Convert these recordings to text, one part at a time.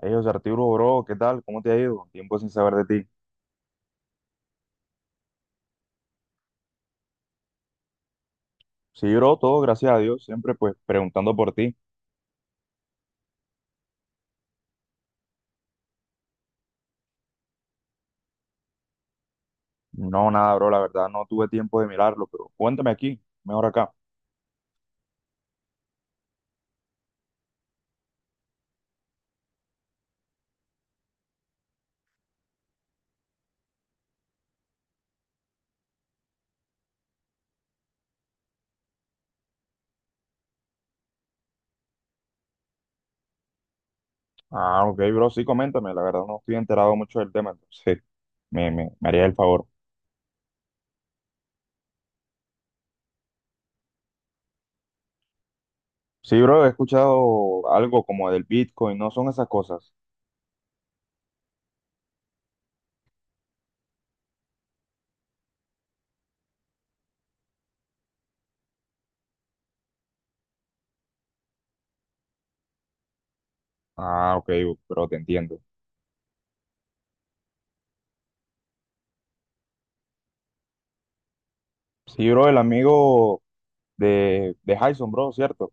Hey, José Arturo, bro, ¿qué tal? ¿Cómo te ha ido? Tiempo sin saber de ti. Sí, bro, todo gracias a Dios, siempre pues preguntando por ti. No, nada, bro, la verdad no tuve tiempo de mirarlo, pero cuéntame aquí, mejor acá. Ah, ok, bro, sí, coméntame, la verdad no estoy enterado mucho del tema, entonces me haría el favor. Sí, bro, he escuchado algo como del Bitcoin, no son esas cosas. Ah, ok, bro, te entiendo. Sí, bro, el amigo de Jason, bro, ¿cierto?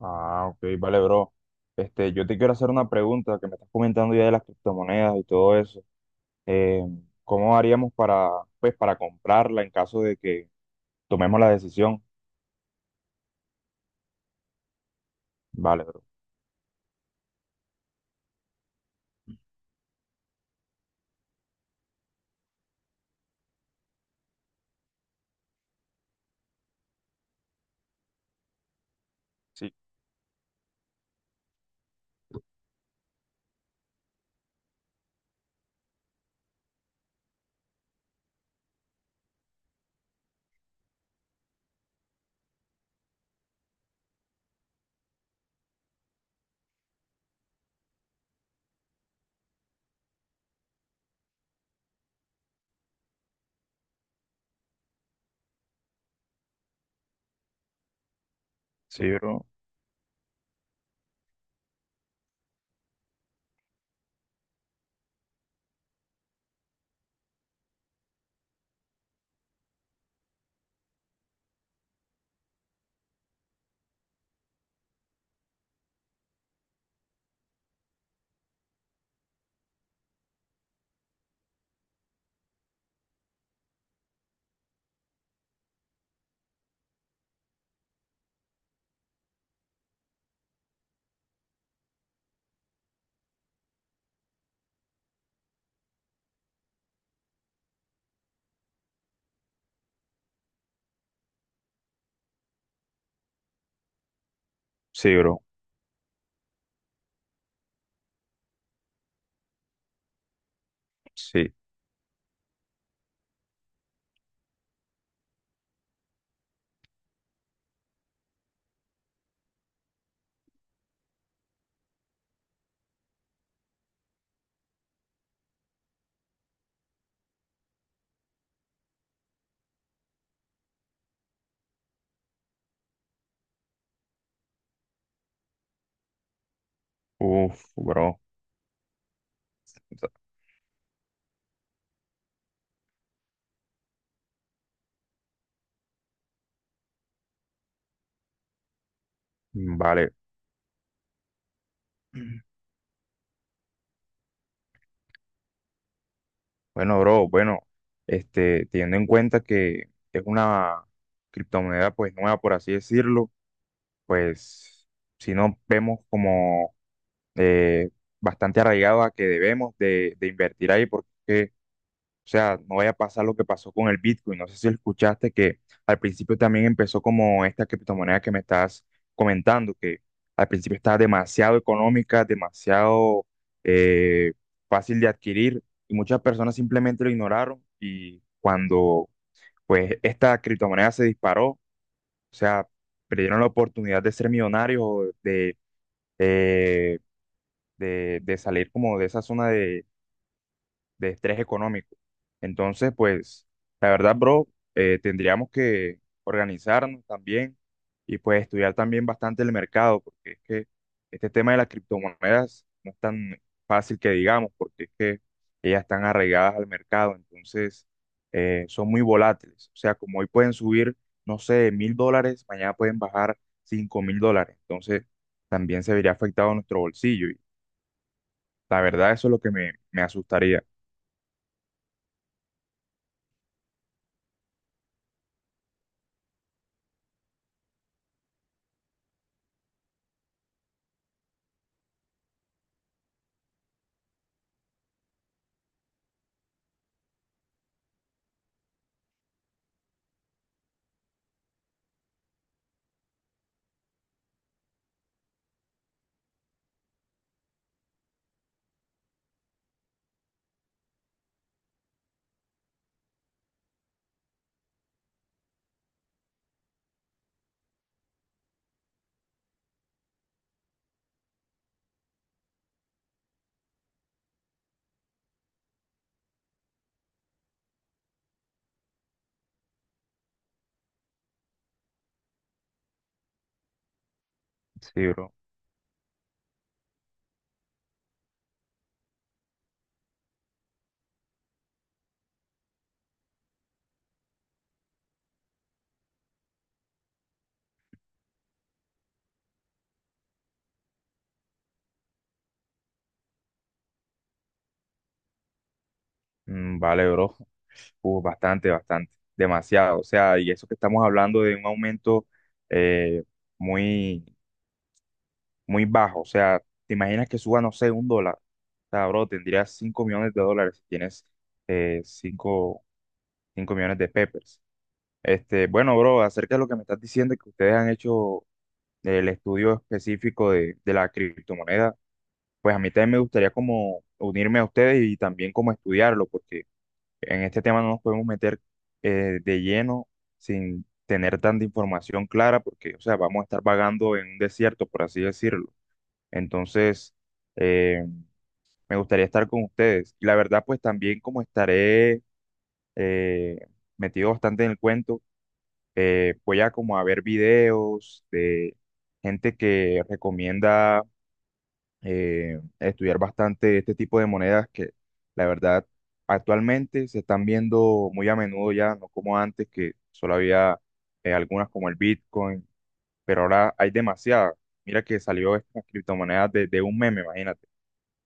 Ah, ok, vale, bro. Este, yo te quiero hacer una pregunta que me estás comentando ya de las criptomonedas y todo eso. Eh, ¿Cómo haríamos para, pues, para comprarla en caso de que tomemos la decisión? Vale, bro. Sí, sí, bro. Sí, bro. Sí. Uf, bro. Mm. Vale. Bueno, bro, bueno, este, teniendo en cuenta que es una criptomoneda pues nueva, por así decirlo, pues si no vemos como eh, bastante arraigado a que debemos de invertir ahí porque, o sea, no vaya a pasar lo que pasó con el Bitcoin. No sé si escuchaste que al principio también empezó como esta criptomoneda que me estás comentando, que al principio estaba demasiado económica, demasiado eh, fácil de adquirir y muchas personas simplemente lo ignoraron y cuando pues esta criptomoneda se disparó, o sea, perdieron la oportunidad de ser millonarios o de eh, de salir como de esa zona de estrés económico. Entonces, pues, la verdad, bro, tendríamos que organizarnos también y pues estudiar también bastante el mercado, porque es que este tema de las criptomonedas no es tan fácil que digamos, porque es que ellas están arraigadas al mercado, entonces son muy volátiles. O sea, como hoy pueden subir, no sé, 1.000 dólares, mañana pueden bajar 5.000 dólares. Entonces, también se vería afectado nuestro bolsillo. La verdad, eso es lo que me asustaría. Sí, bro. Mm. Vale, bro. Uf, bastante, bastante. Demasiado. O sea, y eso que estamos hablando de un aumento eh, muy, muy bajo. O sea, te imaginas que suba, no sé, un dólar. O sea, bro, tendrías 5.000.000 de dólares si tienes eh, cinco 5.000.000 de peppers. Este, bueno, bro, acerca de lo que me estás diciendo, que ustedes han hecho el estudio específico de la criptomoneda. Pues a mí también me gustaría como unirme a ustedes y también como estudiarlo, porque en este tema no nos podemos meter de lleno sin tener tanta información clara, porque, o sea, vamos a estar vagando en un desierto, por así decirlo. Entonces, eh, me gustaría estar con ustedes. Y la verdad, pues también como estaré eh, metido bastante en el cuento, voy a como a ver videos de gente que recomienda estudiar bastante este tipo de monedas que la verdad actualmente se están viendo muy a menudo ya, no como antes que solo había algunas como el Bitcoin, pero ahora hay demasiadas. Mira que salió estas criptomonedas de un meme, imagínate.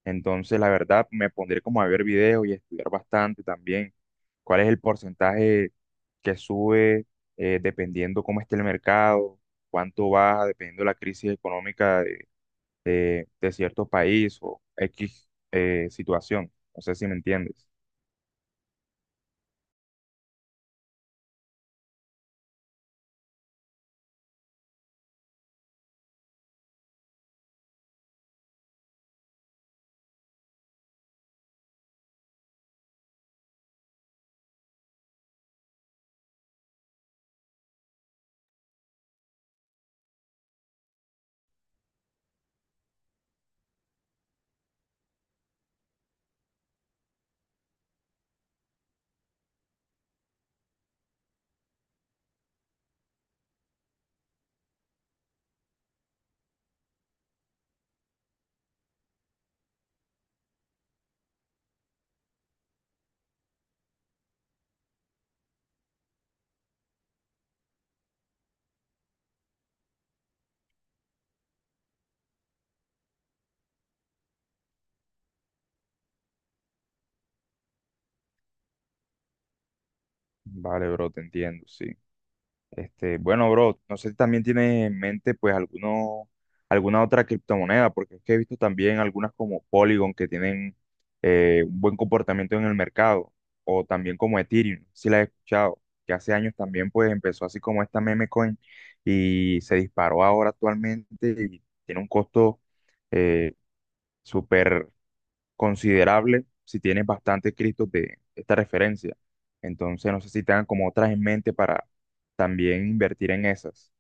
Entonces la verdad me pondré como a ver videos y estudiar bastante también cuál es el porcentaje que sube dependiendo cómo esté el mercado, cuánto baja dependiendo de la crisis económica de cierto país o X situación. No sé si me entiendes. Vale, bro, te entiendo, sí. Este, bueno, bro, no sé si también tienes en mente pues alguno, alguna otra criptomoneda, porque es que he visto también algunas como Polygon que tienen un buen comportamiento en el mercado, o también como Ethereum, si la he escuchado, que hace años también pues empezó así como esta meme coin y se disparó ahora actualmente y tiene un costo eh, súper considerable si tienes bastantes Cristos de esta referencia. Entonces, no sé si tengan como otras en mente para también invertir en esas.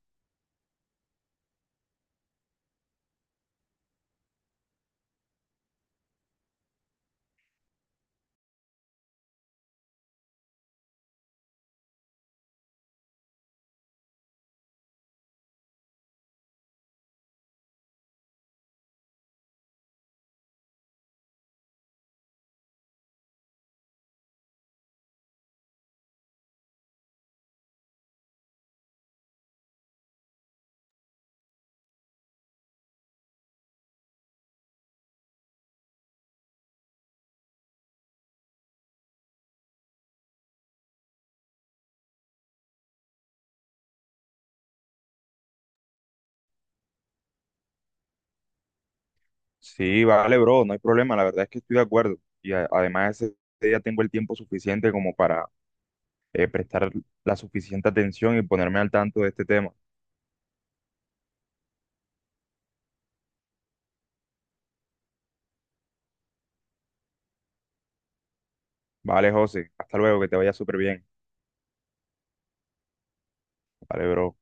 Sí, vale, bro, no hay problema. La verdad es que estoy de acuerdo. Y además, ese día tengo el tiempo suficiente como para prestar la suficiente atención y ponerme al tanto de este tema. Vale, José, hasta luego, que te vaya súper bien. Vale, bro.